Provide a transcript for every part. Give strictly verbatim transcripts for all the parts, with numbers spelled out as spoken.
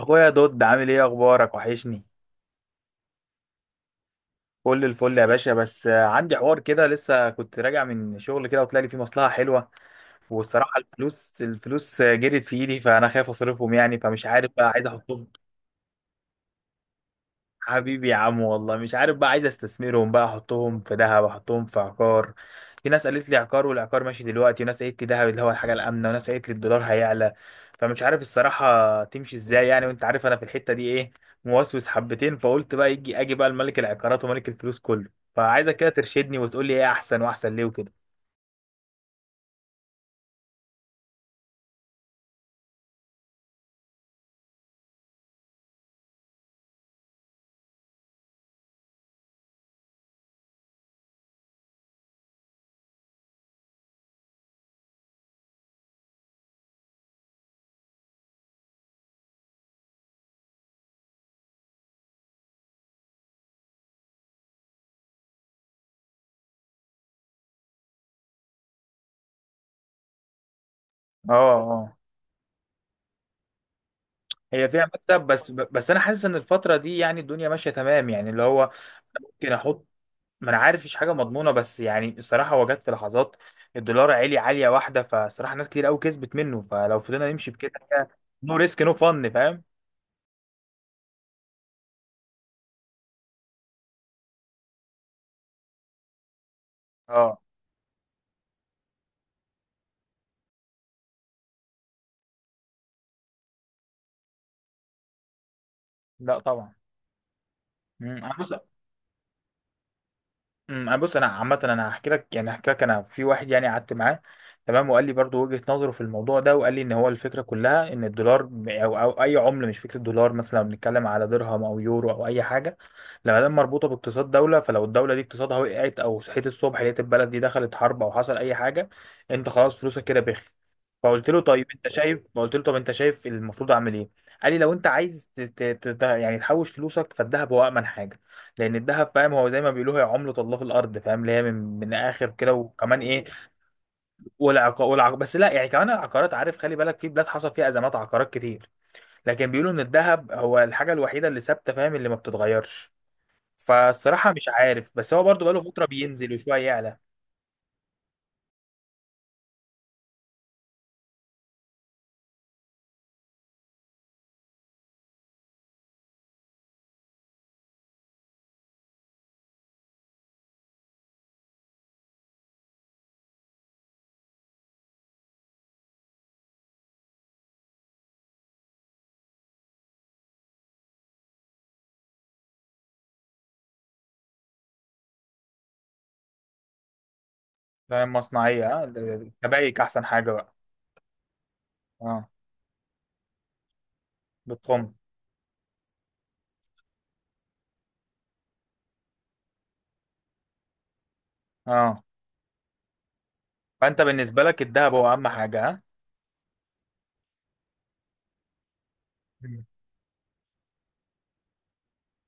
اخويا دود، عامل ايه؟ اخبارك؟ وحشني. كل الفل يا باشا. بس آه، عندي حوار كده، لسه كنت راجع من شغل كده وطلع لي فيه مصلحة حلوة. والصراحة الفلوس الفلوس آه، جرت في ايدي، فانا خايف اصرفهم يعني، فمش عارف بقى عايز احطهم. حبيبي يا عم، والله مش عارف بقى، عايز استثمرهم بقى، احطهم في ذهب؟ احطهم في عقار؟ في ناس قالت لي عقار، والعقار ماشي دلوقتي، وناس قالت لي ذهب، اللي هو الحاجه الامنه، وناس قالت لي الدولار هيعلى. فمش عارف الصراحه تمشي ازاي يعني، وانت عارف انا في الحته دي ايه، موسوس حبتين. فقلت بقى يجي اجي بقى الملك العقارات وملك الفلوس كله. فعايزك كده ترشدني وتقول لي ايه احسن، واحسن ليه، وكده. اه. اه. هي فيها مكتب، بس بس انا حاسس ان الفتره دي يعني الدنيا ماشيه تمام، يعني اللي هو ممكن احط. ما انا عارف مفيش حاجه مضمونه، بس يعني الصراحه هو جت في لحظات الدولار عالي، عاليه واحده. فصراحه ناس كتير قوي كسبت منه، فلو فضلنا نمشي بكده، نو ريسك نو فن، فاهم. اه. لا طبعا. مم. انا بص. امم بص، انا عامه انا هحكي لك، يعني هحكي لك انا في واحد يعني قعدت معاه، تمام، وقال لي برضو وجهه نظره في الموضوع ده، وقال لي ان هو الفكره كلها ان الدولار ب- او او اي عمله، مش فكره دولار، مثلا لو بنتكلم على درهم او يورو او اي حاجه. لما دام مربوطه باقتصاد دوله، فلو الدوله دي اقتصادها وقعت، او صحيت الصبح لقيت البلد دي دخلت حرب او حصل اي حاجه، انت خلاص فلوسك كده بخ. فقلت له طيب انت شايف قلت له طب انت شايف المفروض اعمل ايه. قال لي لو انت عايز ت... ت... ت... يعني تحوش فلوسك، فالذهب هو امن حاجه، لان الذهب فاهم هو زي ما بيقولوا هي عملة الله في الارض، فاهم، اللي هي من من اخر كده. وكمان ايه، والعق والعق بس لا، يعني كمان العقارات، عارف، خلي بالك في بلاد حصل فيها ازمات عقارات كتير، لكن بيقولوا ان الذهب هو الحاجة الوحيدة اللي ثابتة، فاهم، اللي ما بتتغيرش. فالصراحة مش عارف، بس هو برضو بقاله فترة بينزل وشوية يعلى. فاهم، مصنعية. اه، الكبايك احسن حاجة بقى. اه. بتخم. اه. فانت بالنسبة لك الذهب هو اهم حاجة، ها؟ مم.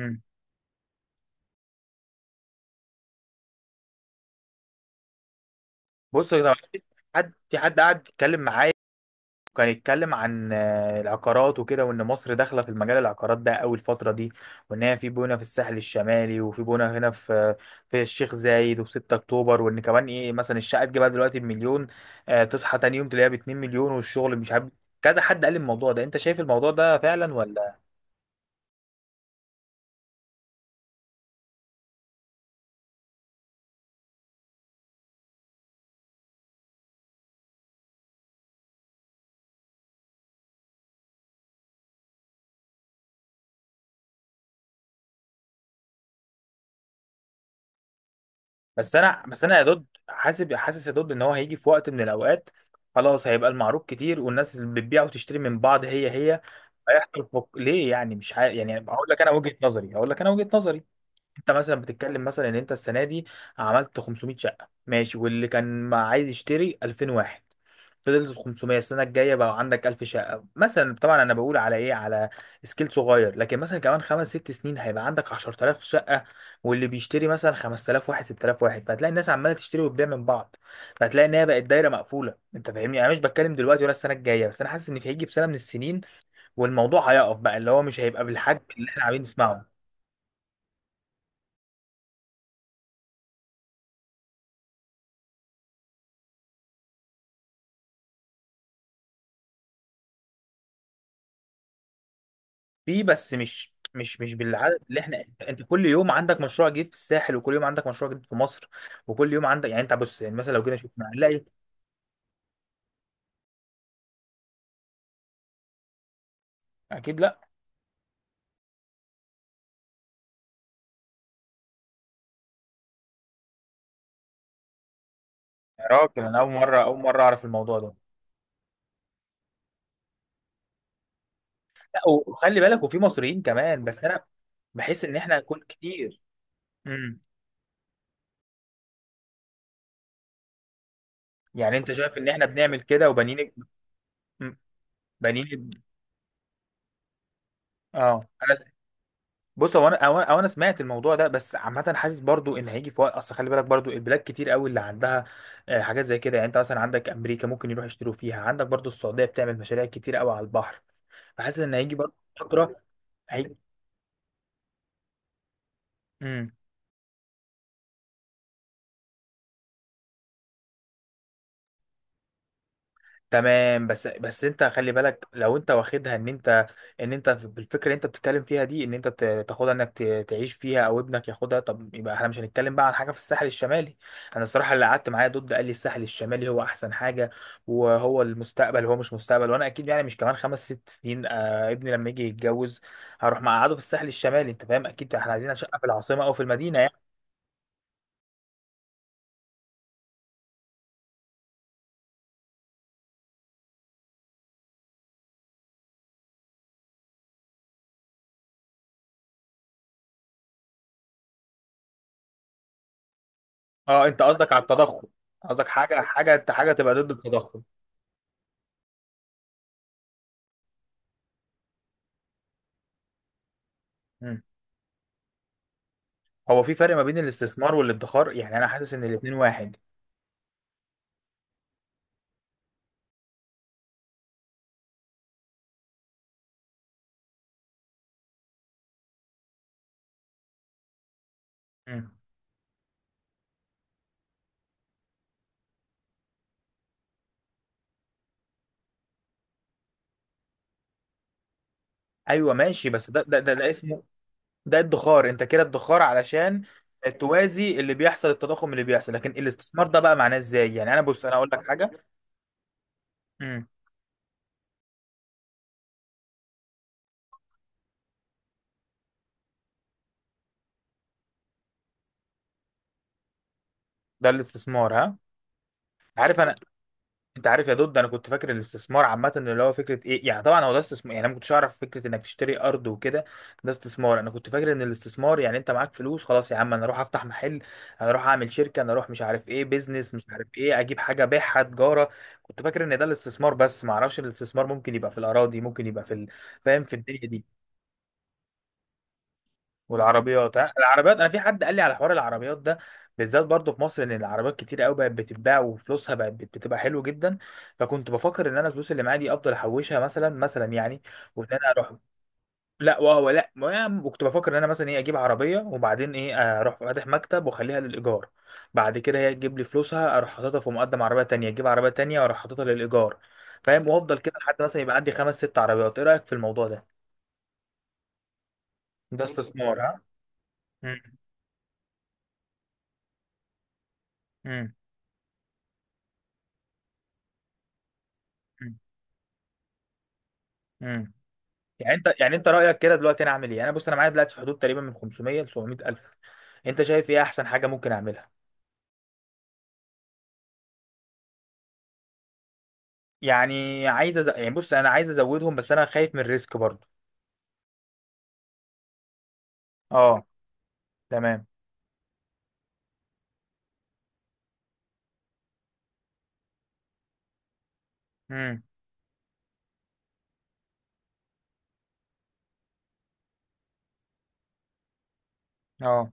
مم. بص طبعا. حد في حد قاعد يتكلم معايا، كان يتكلم عن آه، العقارات وكده، وان مصر داخله في المجال العقارات ده قوي الفتره دي، وان هي في بونه في الساحل الشمالي، وفي بونه هنا في في الشيخ زايد وفي ستة اكتوبر. وان كمان ايه، مثلا الشقه تجيبها دلوقتي بمليون، آه، تصحى تاني يوم تلاقيها ب اتنين مليون، والشغل مش عارف، كذا حد قال الموضوع ده. انت شايف الموضوع ده فعلا ولا؟ بس انا بس انا يا دود، حاسب حاسس يا دود، ان هو هيجي في وقت من الاوقات، خلاص هيبقى المعروض كتير، والناس اللي بتبيع وتشتري من بعض هي هي، هيحصل فك... ليه يعني، مش ح... يعني هقول لك انا وجهة نظري. هقول لك انا وجهة نظري انت مثلا بتتكلم مثلا ان انت السنه دي عملت خمسمائة شقه، ماشي، واللي كان ما عايز يشتري الفين واحد، فضلت خمسمية. السنه الجايه بقى عندك الف شقه مثلا، طبعا انا بقول على ايه، على سكيل صغير، لكن مثلا كمان خمس ست سنين هيبقى عندك عشر آلاف شقه، واللي بيشتري مثلا خمس آلاف واحد ستلاف واحد، فهتلاقي الناس عماله تشتري وتبيع من بعض، فهتلاقي ان هي بقت دايره مقفوله. انت فاهمني يعني، انا مش بتكلم دلوقتي ولا السنه الجايه، بس انا حاسس ان في هيجي في سنه من السنين والموضوع هيقف بقى، اللي هو مش هيبقى بالحجم اللي احنا عايزين نسمعه. فيه، بس مش مش مش بالعدد اللي احنا، انت كل يوم عندك مشروع جديد في الساحل، وكل يوم عندك مشروع جديد في مصر، وكل يوم عندك، يعني انت بص، يعني مثلا لو جينا شفنا هنلاقي. اكيد لا. يا راجل انا اول مره اول مره اعرف الموضوع ده. لا، وخلي بالك، وفي مصريين كمان، بس انا بحس ان احنا كل كتير. امم يعني انت شايف ان احنا بنعمل كده وبنين؟ مم. بنين. اه، انا بص، هو انا او انا أو أنا سمعت الموضوع ده، بس عامه حاسس برضو ان هيجي في وقت، اصل خلي بالك برضو البلاد كتير قوي اللي عندها آه، حاجات زي كده، يعني انت مثلا عندك امريكا ممكن يروح يشتروا فيها، عندك برضو السعوديه بتعمل مشاريع كتير قوي على البحر، فحاسس ان هيجي برضو فتره. هيجي. مم. تمام، بس بس انت خلي بالك، لو انت واخدها ان انت ان انت بالفكره اللي انت بتتكلم فيها دي، ان انت ت- تاخدها، انك ت- تعيش فيها او ابنك ياخدها، طب يبقى احنا مش هنتكلم بقى عن حاجه في الساحل الشمالي. انا الصراحه اللي قعدت معايا ضد قال لي الساحل الشمالي هو احسن حاجه وهو المستقبل. هو مش مستقبل، وانا اكيد يعني مش كمان خمس ست سنين آه، ابني لما يجي يتجوز هروح مقعده في الساحل الشمالي، انت فاهم؟ اكيد احنا عايزين شقه في العاصمه او في المدينه يعني. اه، انت قصدك على التضخم، قصدك حاجه حاجه حاجه تبقى ضد التضخم. هو في فرق ما بين الاستثمار والادخار؟ يعني انا حاسس ان الاتنين واحد. مم. ايوه، ماشي، بس ده ده ده, ده اسمه، ده ادخار، انت كده ادخار علشان توازي اللي بيحصل التضخم اللي بيحصل، لكن الاستثمار ده بقى معناه ازاي؟ يعني انا بص، انا اقول لك حاجه. مم. ده الاستثمار، ها؟ عارف انا انت عارف يا دود، انا كنت فاكر الاستثمار عامه اللي هو فكره ايه، يعني طبعا هو ده استثمار، يعني انا ما كنتش اعرف فكره انك تشتري ارض وكده ده استثمار. انا كنت فاكر ان الاستثمار يعني انت معاك فلوس خلاص، يا عم انا اروح افتح محل، انا اروح اعمل شركه، انا اروح مش عارف ايه بيزنس، مش عارف ايه، اجيب حاجه ابيعها تجاره. كنت فاكر ان ده الاستثمار، بس ما اعرفش ان الاستثمار ممكن يبقى في الاراضي، ممكن يبقى في ال- فاهم، في الدنيا دي. والعربيات، آه، العربيات، انا في حد قال لي على حوار العربيات ده بالذات برضه في مصر، ان العربيات كتير قوي بقت بتتباع، وفلوسها بقت بت- بتبقى حلوه جدا. فكنت بفكر ان انا الفلوس اللي معايا دي افضل احوشها مثلا، مثلا يعني. وان انا اروح لا وهو لا ما- وكنت بفكر ان انا مثلا ايه اجيب عربيه، وبعدين ايه، اروح فاتح مكتب واخليها للايجار، بعد كده هي تجيب لي فلوسها، اروح حاططها في مقدم عربيه تانية، اجيب عربيه تانية واروح حاططها للايجار، فاهم، وافضل كده لحد مثلا يبقى عندي خمس ست عربيات. ايه رايك في الموضوع ده؟ ده استثمار، ها؟ امم. امم. امم، امم. يعني انت يعني انت رايك كده دلوقتي انا اعمل ايه؟ انا بص انا معايا دلوقتي في حدود تقريبا من خمسمية ل سبعمية الف، انت شايف ايه احسن حاجه ممكن اعملها؟ يعني عايز أز... يعني بص، انا عايز ازودهم، بس انا خايف من الريسك برضو. اه. تمام. امم. اه.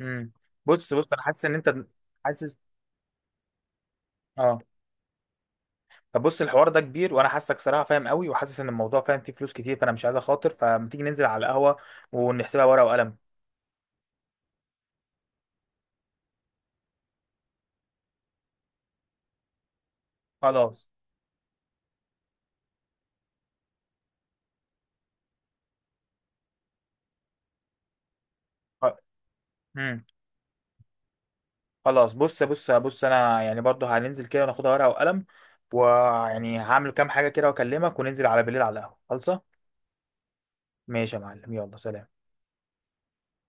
امم. بص بص انا حاسس ان انت حاسس. اه. طب بص الحوار ده كبير، وانا حاسسك صراحه فاهم قوي، وحاسس ان الموضوع فاهم فيه فلوس كتير، فانا مش عايز اخاطر، فما تيجي ننزل على القهوه ونحسبها ورقه وقلم. خلاص. امم. خلاص، بص بص بص انا يعني برضو هننزل كده وناخدها ورقه وقلم، ويعني هعمل كام حاجه كده واكلمك، وننزل على بالليل على القهوه خلصه. ماشي يا معلم، يلا سلام.